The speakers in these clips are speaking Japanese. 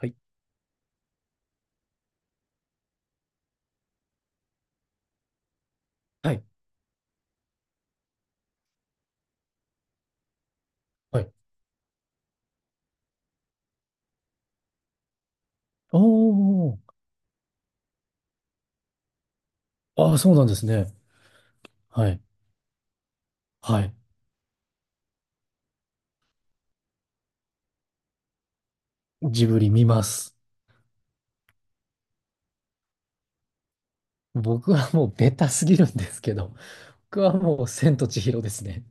はい。はい。はい。おー。ああ、そうなんですね。はい。はい。ジブリ見ます。僕はもうベタすぎるんですけど、僕はもう千と千尋ですね。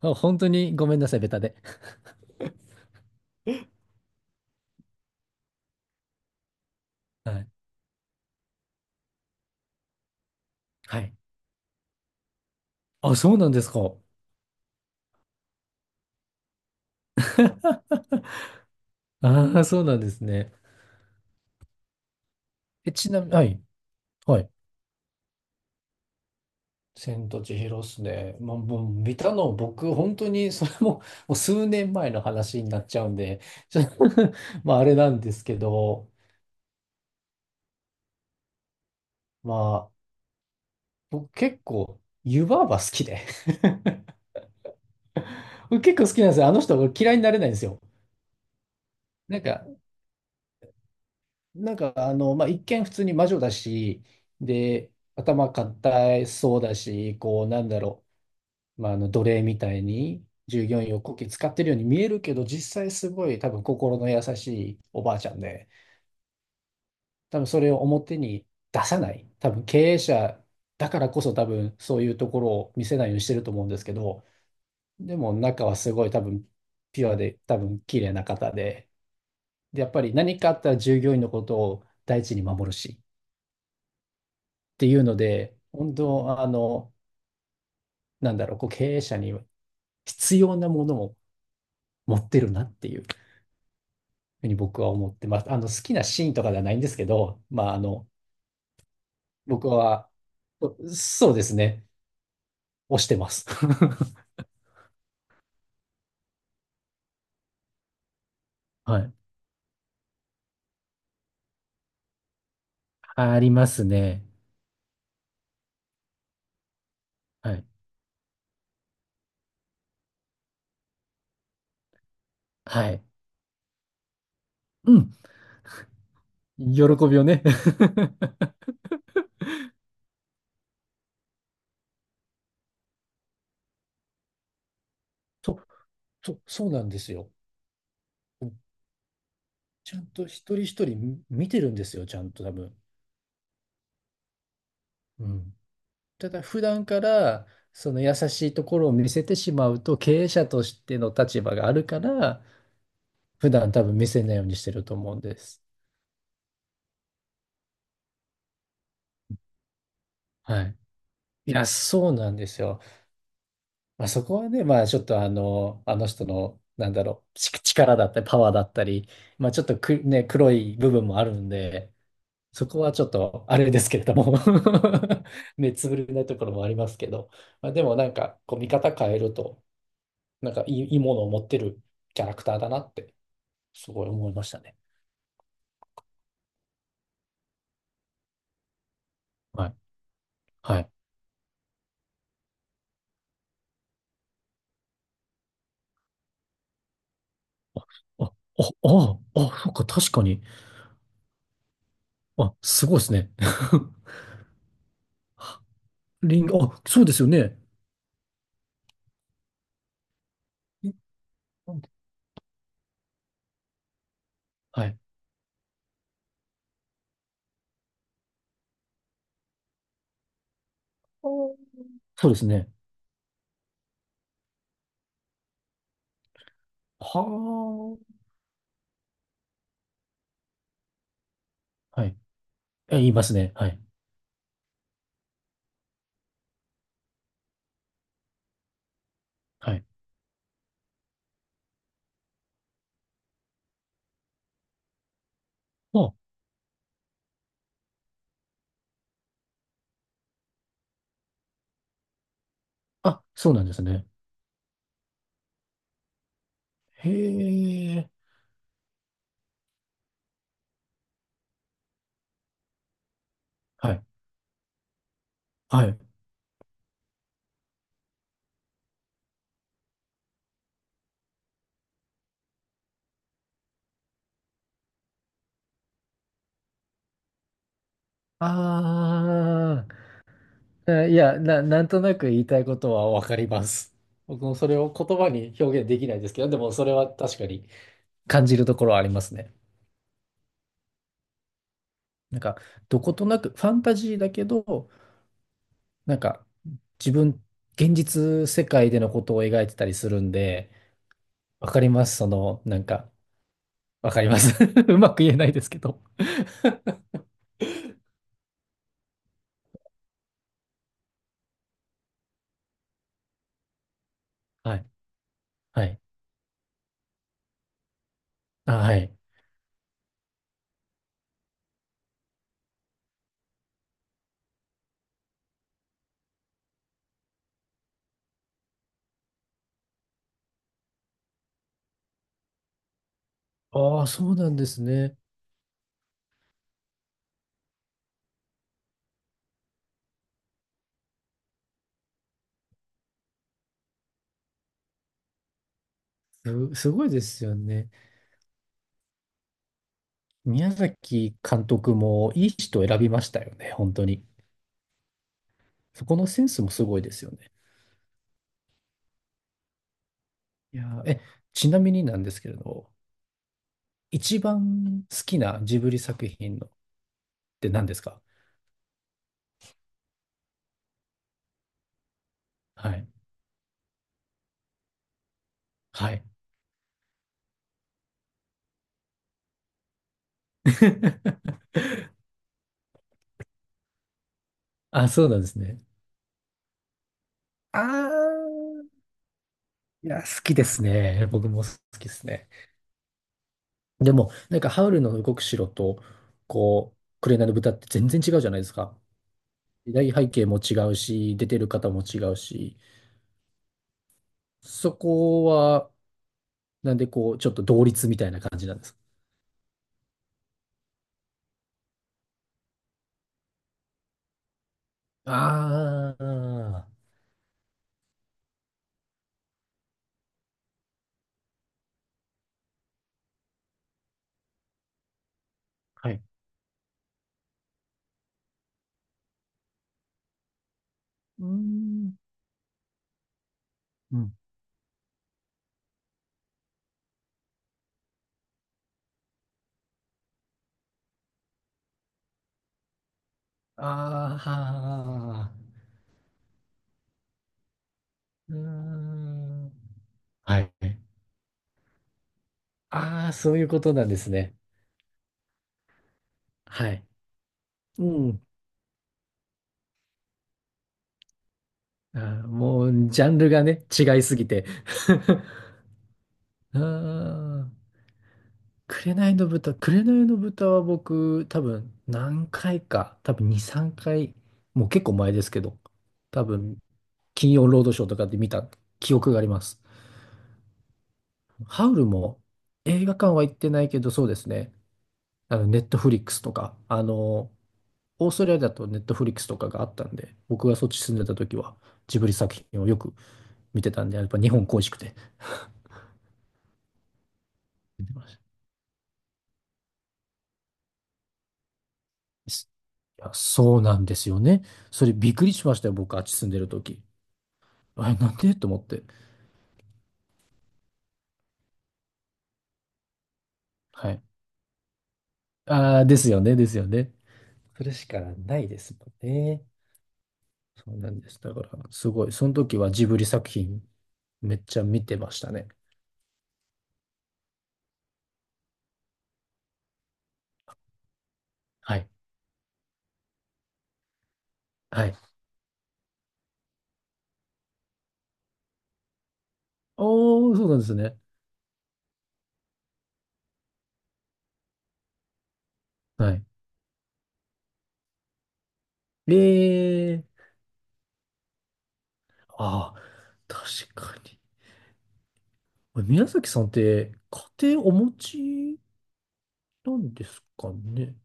あ、本当にごめんなさい、ベタで。はい。はい。あ、そうなんですか。ああ、そうなんですね。え、ちなみに、はい。はい。千と千尋っすね。まあ、もう見たの僕、本当にそれも、もう数年前の話になっちゃうんで、ちょ まああれなんですけど、ま僕結構、湯婆婆好きで 僕結構好きなんですよ。あの人、僕嫌いになれないんですよ。なんか、なんか、あの、まあ、一見普通に魔女だし、で、頭固いそうだし、こう、なんだろう、まあ、あの、奴隷みたいに従業員をこき使ってるように見えるけど、実際すごい多分心の優しいおばあちゃんで、多分それを表に出さない。多分経営者だからこそ多分そういうところを見せないようにしてると思うんですけど、でも中はすごい多分ピュアで多分綺麗な方で、で、やっぱり何かあったら従業員のことを第一に守るしっていうので、本当、あの、なんだろう、こう経営者に必要なものを持ってるなっていうふうに僕は思ってます。あの、好きなシーンとかではないんですけど、まあ、あの、僕は、そうですね、推してます。はい。ありますね。はい。はい。うん。喜びをね。そう、そう、そうなんですよ。ちゃんと一人一人見てるんですよ、ちゃんと多分。うん。ただ普段からその優しいところを見せてしまうと経営者としての立場があるから普段多分見せないようにしてると思うんです。はい。いや、そうなんですよ。まあ、そこはね、まあちょっとあの、あの人の、なんだろう、力だったりパワーだったり、まあちょっとね、黒い部分もあるんで、そこはちょっとあれですけれども 目つぶれないところもありますけど、まあ、でもなんかこう見方変えると、なんかいいものを持ってるキャラクターだなってすごい思いましたね。はい。はい。あ、あ、あ、あ、あそっか、確かに。あ、すごいですね。リンゴ、あ、そうですよね。リンゴはい。そうですね。はあ。はい。え言いますね。はい。はい。あ、あ、そうなんですね。へえ。はい。はい。ああ、いや、なんとなく言いたいことはわかります。僕もそれを言葉に表現できないですけど、でもそれは確かに感じるところはありますね。なんか、どことなく、ファンタジーだけど、なんか、自分、現実世界でのことを描いてたりするんで、わかります。その、なんか、わかります。うまく言えないですけど。はい。はい。あ、はい。ああ、そうなんですね。すごいですよね。宮崎監督もいい人を選びましたよね、本当に。そこのセンスもすごいですよね。いやー、え、ちなみになんですけれど、一番好きなジブリ作品のって何ですか？はい。はい。あ、そうなんですね。あー、いや、好きですね。僕も好きですね。でも、なんか、ハウルの動く城と、こう、紅の豚って全然違うじゃないですか。時代背景も違うし、出てる方も違うし、そこは、なんで、こう、ちょっと同率みたいな感じなんです。ああ、はい。うーん。うん。ああ、うーん。はい。ああ、そういうことなんですね。はい。うん。あーもう、ジャンルがね、違いすぎて。うー紅の豚、紅の豚は僕、多分何回か、多分2、3回、もう結構前ですけど、多分金曜ロードショーとかで見た記憶があります。ハウルも映画館は行ってないけど、そうですね。あの、ネットフリックスとか、あの、オーストラリアだとネットフリックスとかがあったんで、僕がそっち住んでた時はジブリ作品をよく見てたんで、やっぱ日本恋しくて。見てましたすいや、そうなんですよね。それびっくりしましたよ、僕、あっち住んでる時。あれ、なんでと思って。はい。ああ、ですよね、ですよね。それしかないですもんね。そうなんです。だから、すごい。その時はジブリ作品めっちゃ見てましたね。はいはい。おー、そうなんですね。はい。ああ、確かに。宮崎さんって、家庭お持ちなんですかね。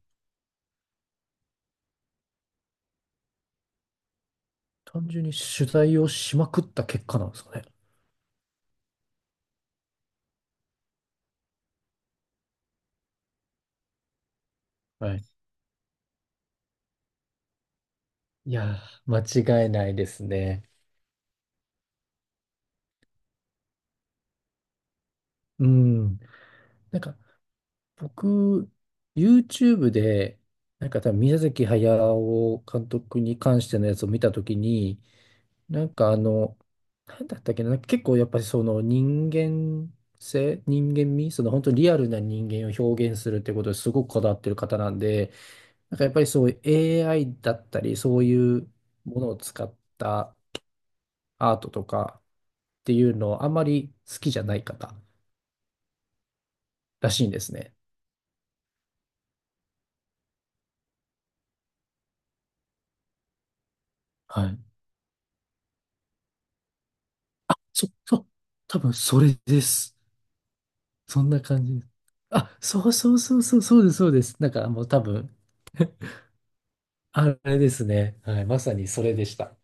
単純に取材をしまくった結果なんですかね。はい。いやー、間違いないですね。うん。なんか、僕、YouTube で、なんか多分宮崎駿監督に関してのやつを見たときに、なんかあの、なんだったっけな、なんか結構やっぱりその人間性、人間味、その本当にリアルな人間を表現するってことですごくこだわってる方なんで、なんかやっぱりそういう AI だったり、そういうものを使ったアートとかっていうのをあんまり好きじゃない方らしいんですね。はい。そ、そ、多分それです。そんな感じです。あ、そうそうそうそう、そうです、そうです。なんかもう多分、あれですね。はい、まさにそれでした。